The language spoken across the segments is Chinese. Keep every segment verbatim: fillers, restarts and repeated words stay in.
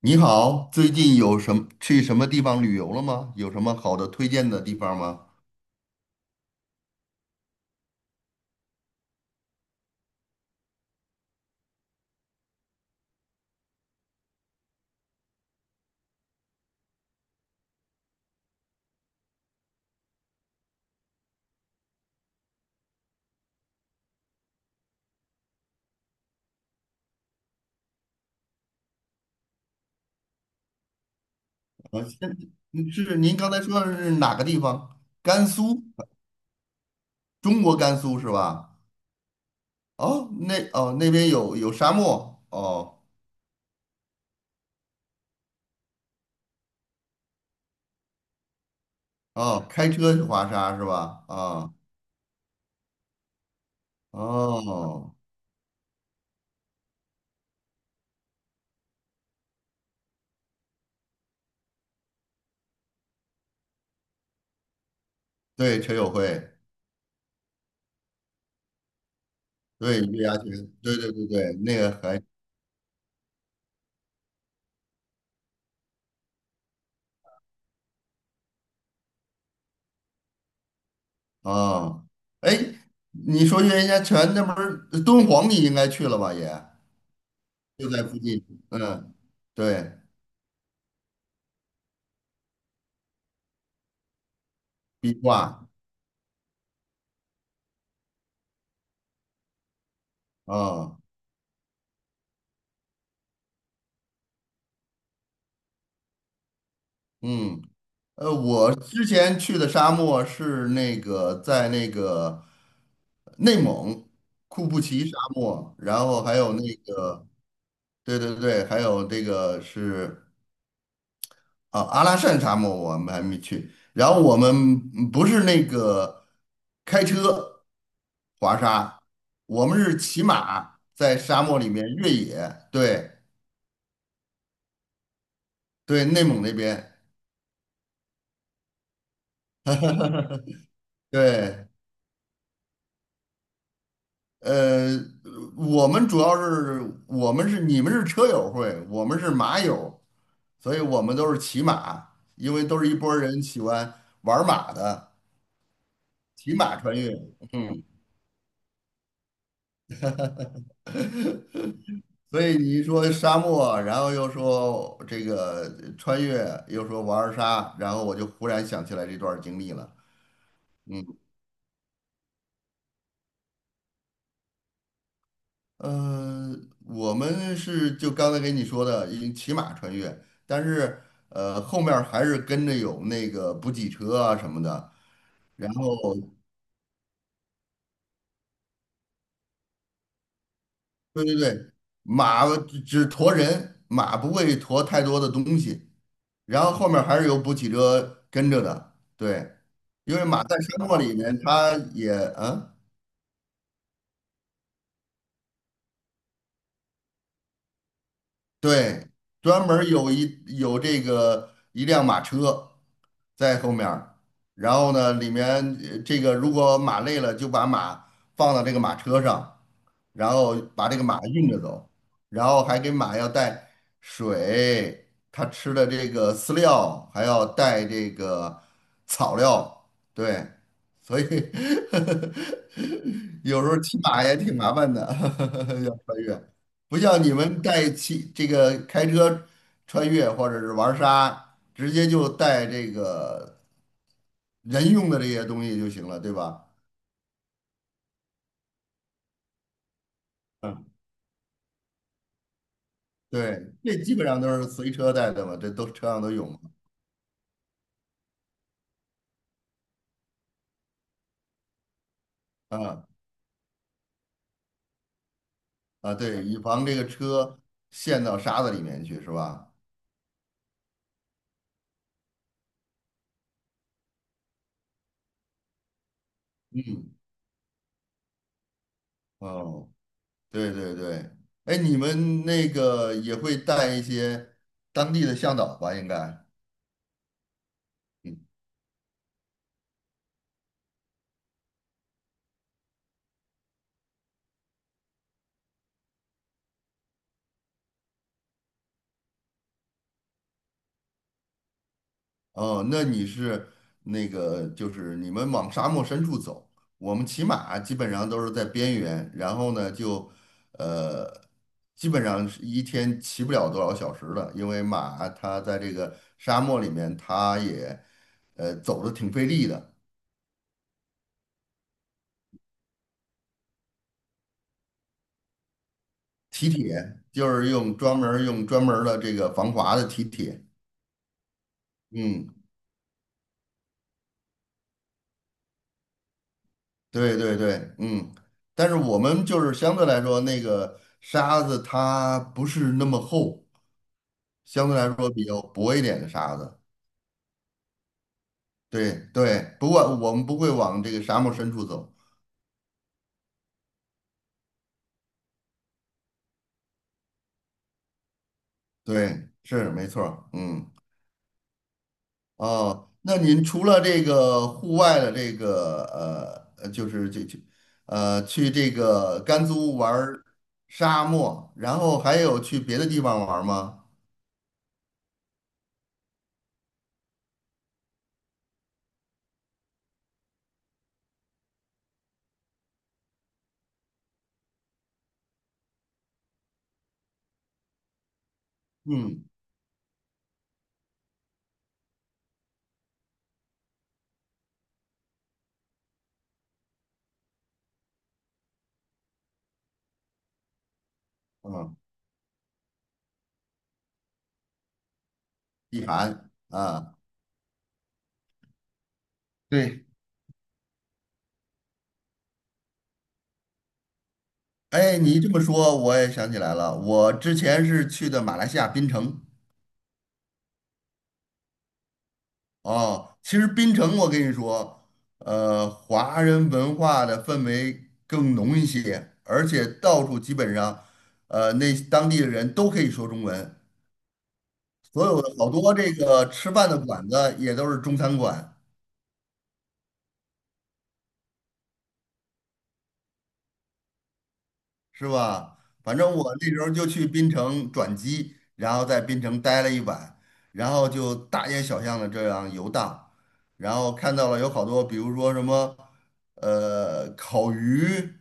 你好，最近有什么去什么地方旅游了吗？有什么好的推荐的地方吗？啊，现嗯是您刚才说的是哪个地方？甘肃，中国甘肃是吧？哦，那哦那边有有沙漠哦。哦，开车去滑沙是吧？啊哦，对，车友会，对月牙泉，对对对对，那个还啊，哦。哎，你说月牙泉那不是敦煌，你应该去了吧也？就在附近，嗯，对，壁画，啊，嗯。呃，我之前去的沙漠是那个在那个内蒙库布齐沙漠，然后还有那个，对对对，还有这个是啊阿拉善沙漠，我们还没去。然后我们嗯不是那个开车滑沙，我们是骑马在沙漠里面越野，对。对，内蒙那边。对，呃，我们主要是我们是你们是车友会，我们是马友，所以我们都是骑马，因为都是一拨儿人喜欢玩儿马的，骑马穿越。嗯，所以你一说沙漠，然后又说这个穿越，又说玩儿沙，然后我就忽然想起来这段儿经历了。呃，我们是就刚才给你说的，已经骑马穿越，但是呃后面儿还是跟着有那个补给车啊什么的。然后，对对对，马只只驮人，马不会驮太多的东西。然后后面儿还是有补给车跟着的，对，因为马在沙漠里面，它也嗯。对，专门儿有一有这个一辆马车在后面儿，然后呢，里面呃这个如果马累了，就把马放到这个马车上，然后把这个马运着走，然后还给马要带水，它吃的这个饲料，还要带这个草料，对，所以 有时候骑马也挺麻烦的，要穿越。不像你们带汽这个开车穿越或者是玩沙，直接就带这个人用的这些东西就行了，对吧？嗯，对，这基本上都是随车带的嘛，这都车上都有嘛。嗯，啊，对，以防这个车陷到沙子里面去，是吧？嗯，哦，对对对，哎，你们那个也会带一些当地的向导吧？应该，嗯。哦，那你是那个，就是你们往沙漠深处走，我们骑马基本上都是在边缘，然后呢就，呃，基本上是一天骑不了多少小时了，因为马它在这个沙漠里面，它也，呃，走的挺费力的，蹄铁就是用专门儿用专门儿的这个防滑的蹄铁。嗯，对对对，嗯，但是我们就是相对来说，那个沙子它不是那么厚，相对来说比较薄一点的沙子。对对，不过我们不会往这个沙漠深处走。对，是没错儿。嗯，哦，那您除了这个户外的这个呃，呃就是就这呃，去这个甘肃玩儿沙漠，然后还有去别的地方玩儿吗？嗯嗯，避寒啊，对。哎，你这么说，我也想起来了，我之前是去的马来西亚槟城。哦，其实槟城，我跟你说，呃，华人文化的氛围更浓一些，而且到处基本上，呃，那当地的人都可以说中文，所有的好多这个吃饭的馆子也都是中餐馆。是吧？反正我那时候就去槟城转机，然后在槟城待了一晚，然后就大街小巷的这样游荡，然后看到了有好多，比如说什么，呃，烤鱼，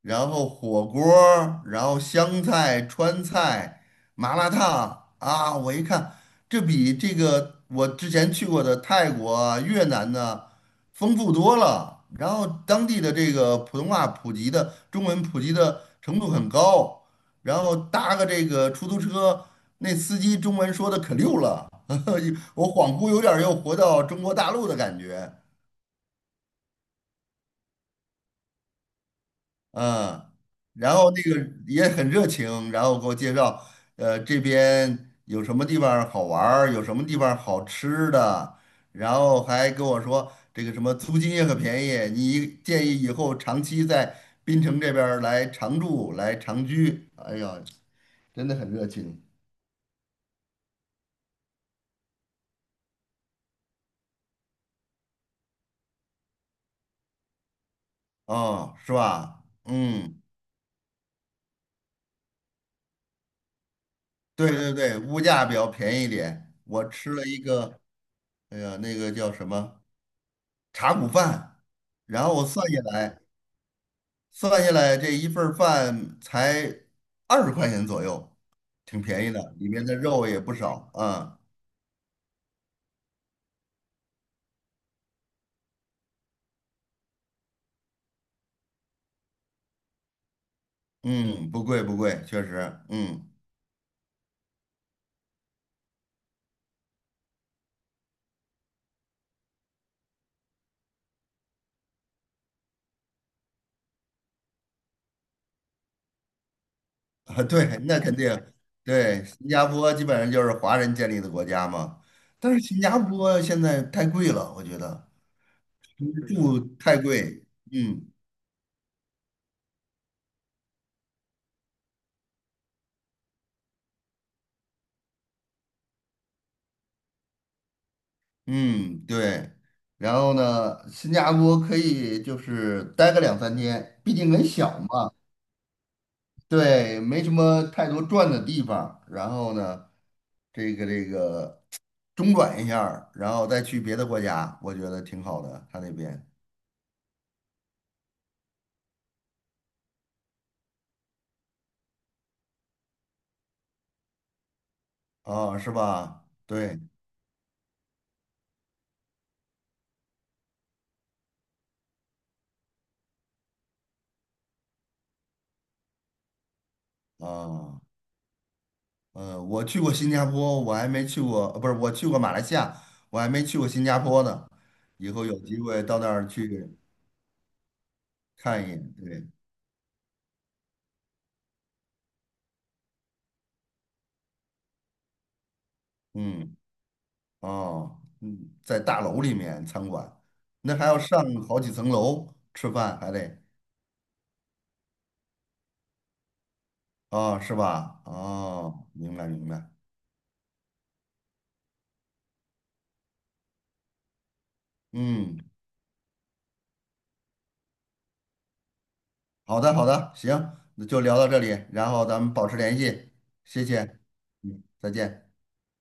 然后火锅儿，然后湘菜、川菜、麻辣烫啊，我一看，这比这个我之前去过的泰国啊越南呢、丰富多了。然后当地的这个普通话普及的中文普及的程度很高，然后搭个这个出租车，那司机中文说的可溜了，我恍惚有点儿又回到中国大陆的感觉。嗯，然后那个也很热情，然后给我介绍，呃，这边有什么地方儿好玩儿，有什么地方儿好吃的，然后还跟我说这个什么租金也很便宜，你建议以后长期在滨城这边儿来常住，来长居。哎呀，真的很热情。哦，是吧？嗯，对对对，物价比较便宜一点。我吃了一个，哎呀，那个叫什么茶骨饭，然后我算下来。算下来这一份儿饭才二十块钱左右，挺便宜的，里面的肉也不少啊。嗯，不贵不贵，确实，嗯啊，对，那肯定，对，新加坡基本上就是华人建立的国家嘛，但是新加坡现在太贵了，我觉得住太贵，嗯嗯，对。然后呢，新加坡可以就是待个两三天，毕竟很小嘛。对，没什么太多转的地方，然后呢，这个这个中转一下儿，然后再去别的国家，我觉得挺好的。他那边啊，是吧？对啊，呃，我去过新加坡，我还没去过，呃不是，我去过马来西亚，我还没去过新加坡呢。以后有机会到那儿去看一眼。对，嗯，哦，嗯，在大楼里面餐馆，那还要上好几层楼吃饭，还得。哦，是吧？哦，明白明白。嗯，好的好的，行，那就聊到这里，然后咱们保持联系，谢谢。嗯，再见。